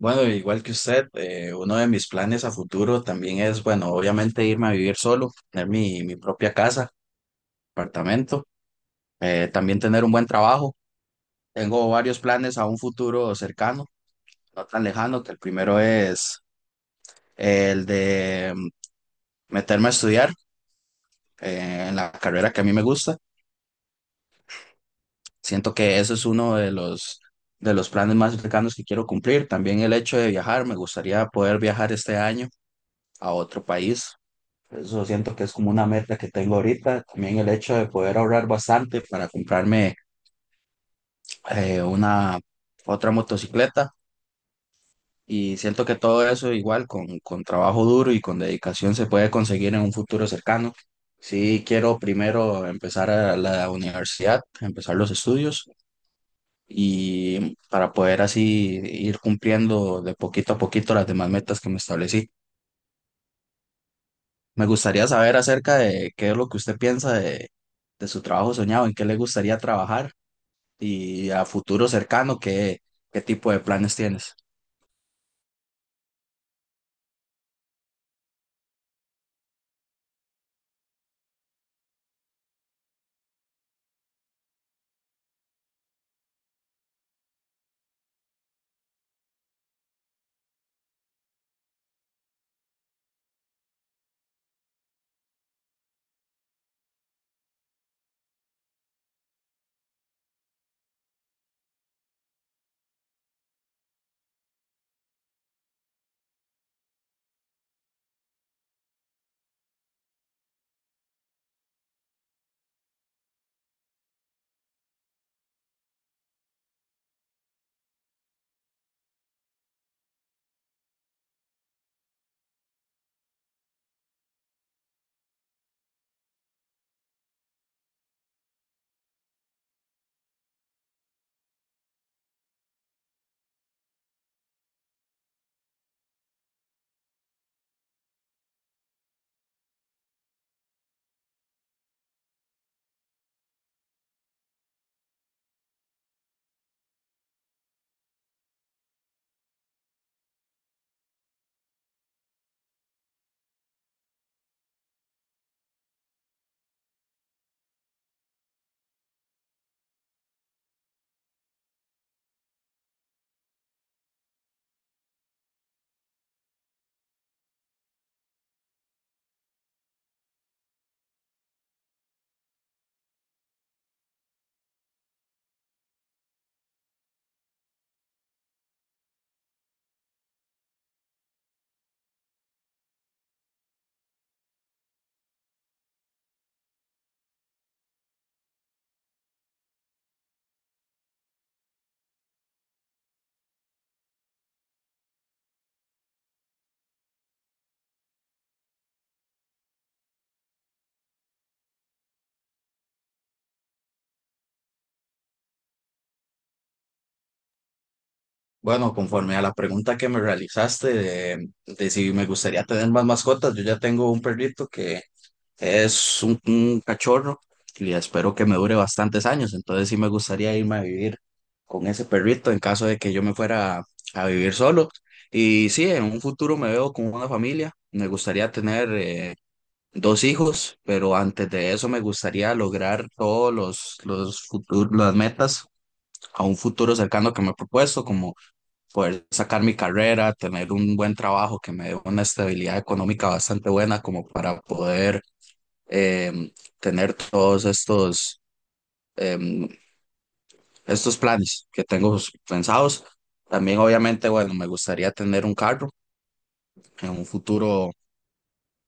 Bueno, igual que usted, uno de mis planes a futuro también es, bueno, obviamente irme a vivir solo, tener mi propia casa, apartamento, también tener un buen trabajo. Tengo varios planes a un futuro cercano, no tan lejano, que el primero es el de meterme a estudiar en la carrera que a mí me gusta. Siento que ese es uno de los planes más cercanos que quiero cumplir. También el hecho de viajar, me gustaría poder viajar este año a otro país. Eso siento que es como una meta que tengo ahorita. También el hecho de poder ahorrar bastante para comprarme una otra motocicleta. Y siento que todo eso igual con trabajo duro y con dedicación se puede conseguir en un futuro cercano. Sí, quiero primero empezar a la universidad, empezar los estudios y para poder así ir cumpliendo de poquito a poquito las demás metas que me establecí. Me gustaría saber acerca de qué es lo que usted piensa de su trabajo soñado, en qué le gustaría trabajar y a futuro cercano, qué, qué tipo de planes tienes. Bueno, conforme a la pregunta que me realizaste de si me gustaría tener más mascotas, yo ya tengo un perrito que, es un cachorro y espero que me dure bastantes años. Entonces sí me gustaría irme a vivir con ese perrito en caso de que yo me fuera a vivir solo. Y sí, en un futuro me veo con una familia. Me gustaría tener dos hijos, pero antes de eso me gustaría lograr todos los futuros, las metas a un futuro cercano que me he propuesto, como poder sacar mi carrera, tener un buen trabajo que me dé una estabilidad económica bastante buena como para poder em, tener todos estos, em, estos planes que tengo pensados. También, obviamente, bueno, me gustaría tener un carro en un futuro,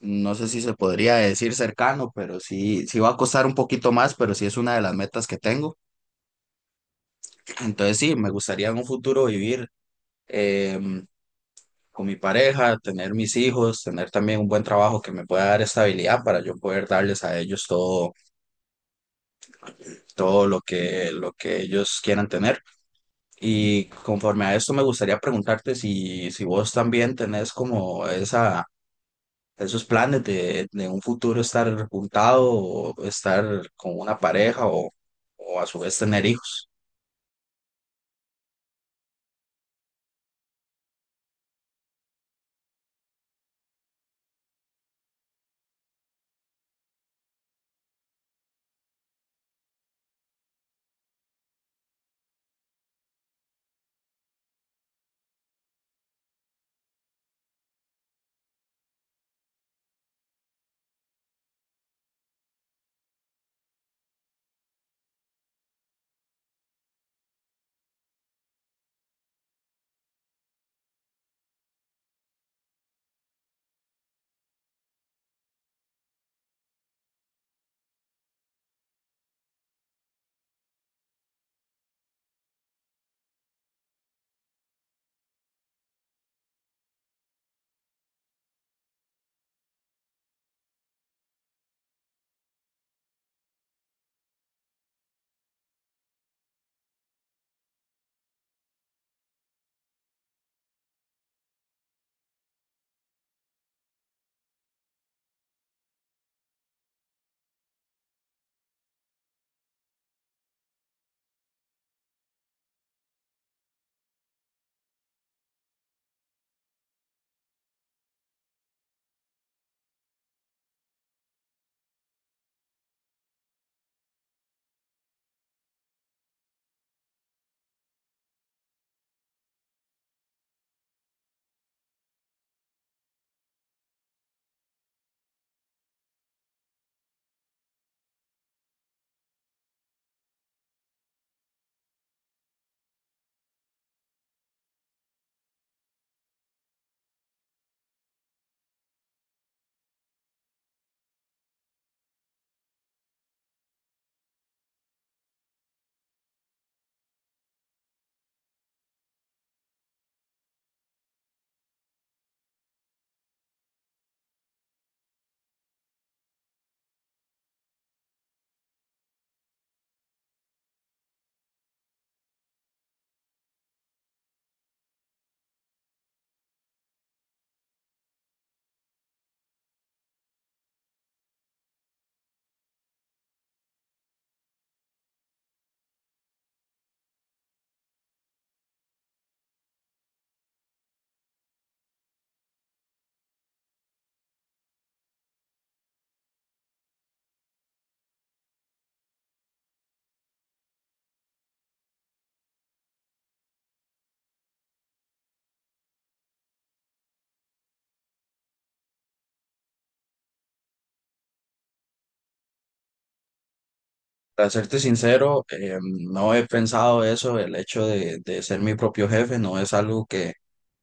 no sé si se podría decir cercano, pero sí, sí va a costar un poquito más, pero sí es una de las metas que tengo. Entonces, sí, me gustaría en un futuro vivir em, con mi pareja, tener mis hijos, tener también un buen trabajo que me pueda dar estabilidad para yo poder darles a ellos todo, todo lo que ellos quieran tener. Y conforme a esto me gustaría preguntarte si, si vos también tenés como esa, esos planes de un futuro estar juntado o estar con una pareja o a su vez tener hijos. Para serte sincero, no he pensado eso, el hecho de ser mi propio jefe no es algo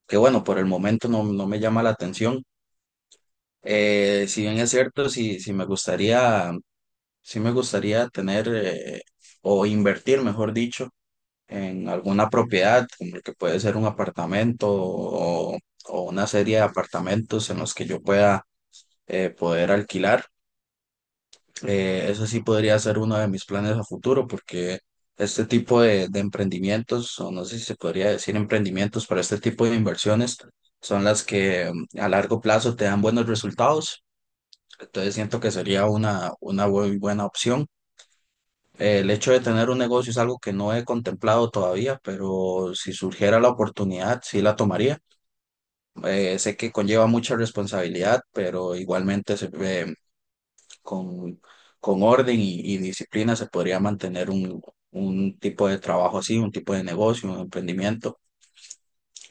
que bueno, por el momento no, no me llama la atención. Si bien es cierto, si, si me gustaría, sí me gustaría tener o invertir, mejor dicho, en alguna propiedad, como el que puede ser un apartamento o una serie de apartamentos en los que yo pueda poder alquilar. Eso sí podría ser uno de mis planes a futuro porque este tipo de emprendimientos, o no sé si se podría decir emprendimientos, pero este tipo de inversiones son las que a largo plazo te dan buenos resultados. Entonces siento que sería una muy buena opción. El hecho de tener un negocio es algo que no he contemplado todavía, pero si surgiera la oportunidad, sí la tomaría. Sé que conlleva mucha responsabilidad, pero igualmente se, con, con orden y disciplina se podría mantener un tipo de trabajo así, un tipo de negocio, un emprendimiento.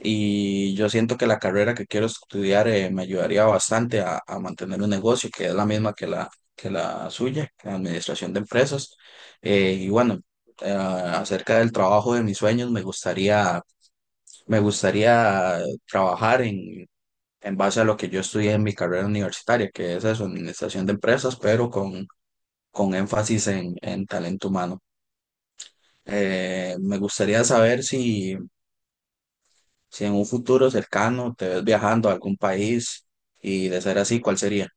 Y yo siento que la carrera que quiero estudiar me ayudaría bastante a mantener un negocio que es la misma que la suya, que la administración de empresas. Y bueno, acerca del trabajo de mis sueños, me gustaría trabajar en base a lo que yo estudié en mi carrera universitaria, que es eso, administración de empresas, pero con énfasis en talento humano. Me gustaría saber si si en un futuro cercano te ves viajando a algún país y de ser así, ¿cuál sería?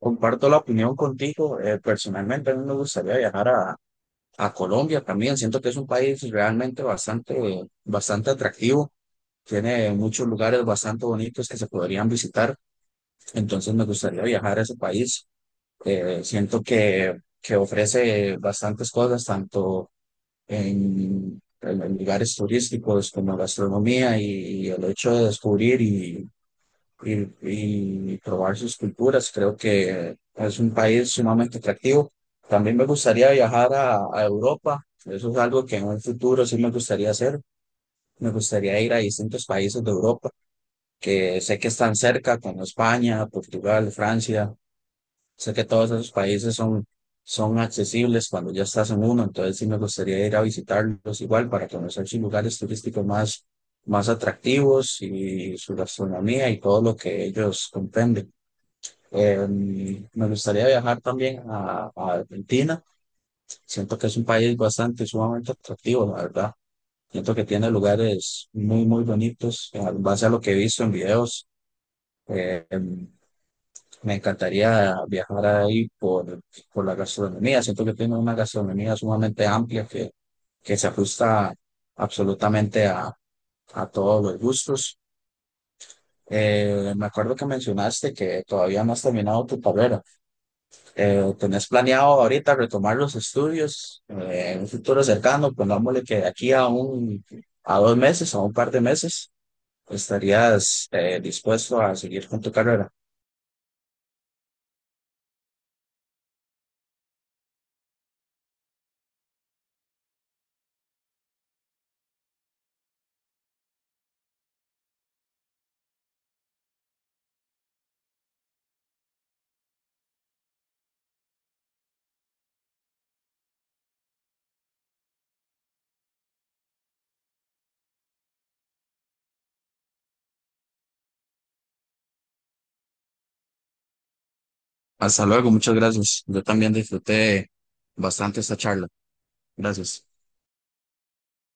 Comparto la opinión contigo. Eh, personalmente, a mí me gustaría viajar a Colombia también. Siento que es un país realmente bastante, bastante atractivo. Tiene muchos lugares bastante bonitos que se podrían visitar. Entonces, me gustaría viajar a ese país. Siento que ofrece bastantes cosas, tanto en, en lugares turísticos como gastronomía y el hecho de descubrir y, y probar sus culturas. Creo que es un país sumamente atractivo. También me gustaría viajar a Europa. Eso es algo que en un futuro sí me gustaría hacer. Me gustaría ir a distintos países de Europa que sé que están cerca, como España, Portugal, Francia. Sé que todos esos países son, son accesibles cuando ya estás en uno. Entonces sí me gustaría ir a visitarlos igual para conocer sus lugares turísticos más, más atractivos y su gastronomía y todo lo que ellos comprenden. Me gustaría viajar también a Argentina. Siento que es un país bastante, sumamente atractivo, la verdad. Siento que tiene lugares muy, muy bonitos. En base a lo que he visto en videos, eh, em, me encantaría viajar ahí por la gastronomía. Siento que tiene una gastronomía sumamente amplia que se ajusta absolutamente a todos los gustos. Me acuerdo que mencionaste que todavía no has terminado tu carrera. ¿Tenés planeado ahorita retomar los estudios en un futuro cercano? Pongámosle que de aquí a un, a dos meses, a un par de meses, estarías dispuesto a seguir con tu carrera. Hasta luego, muchas gracias. Yo también disfruté bastante esta charla. Gracias.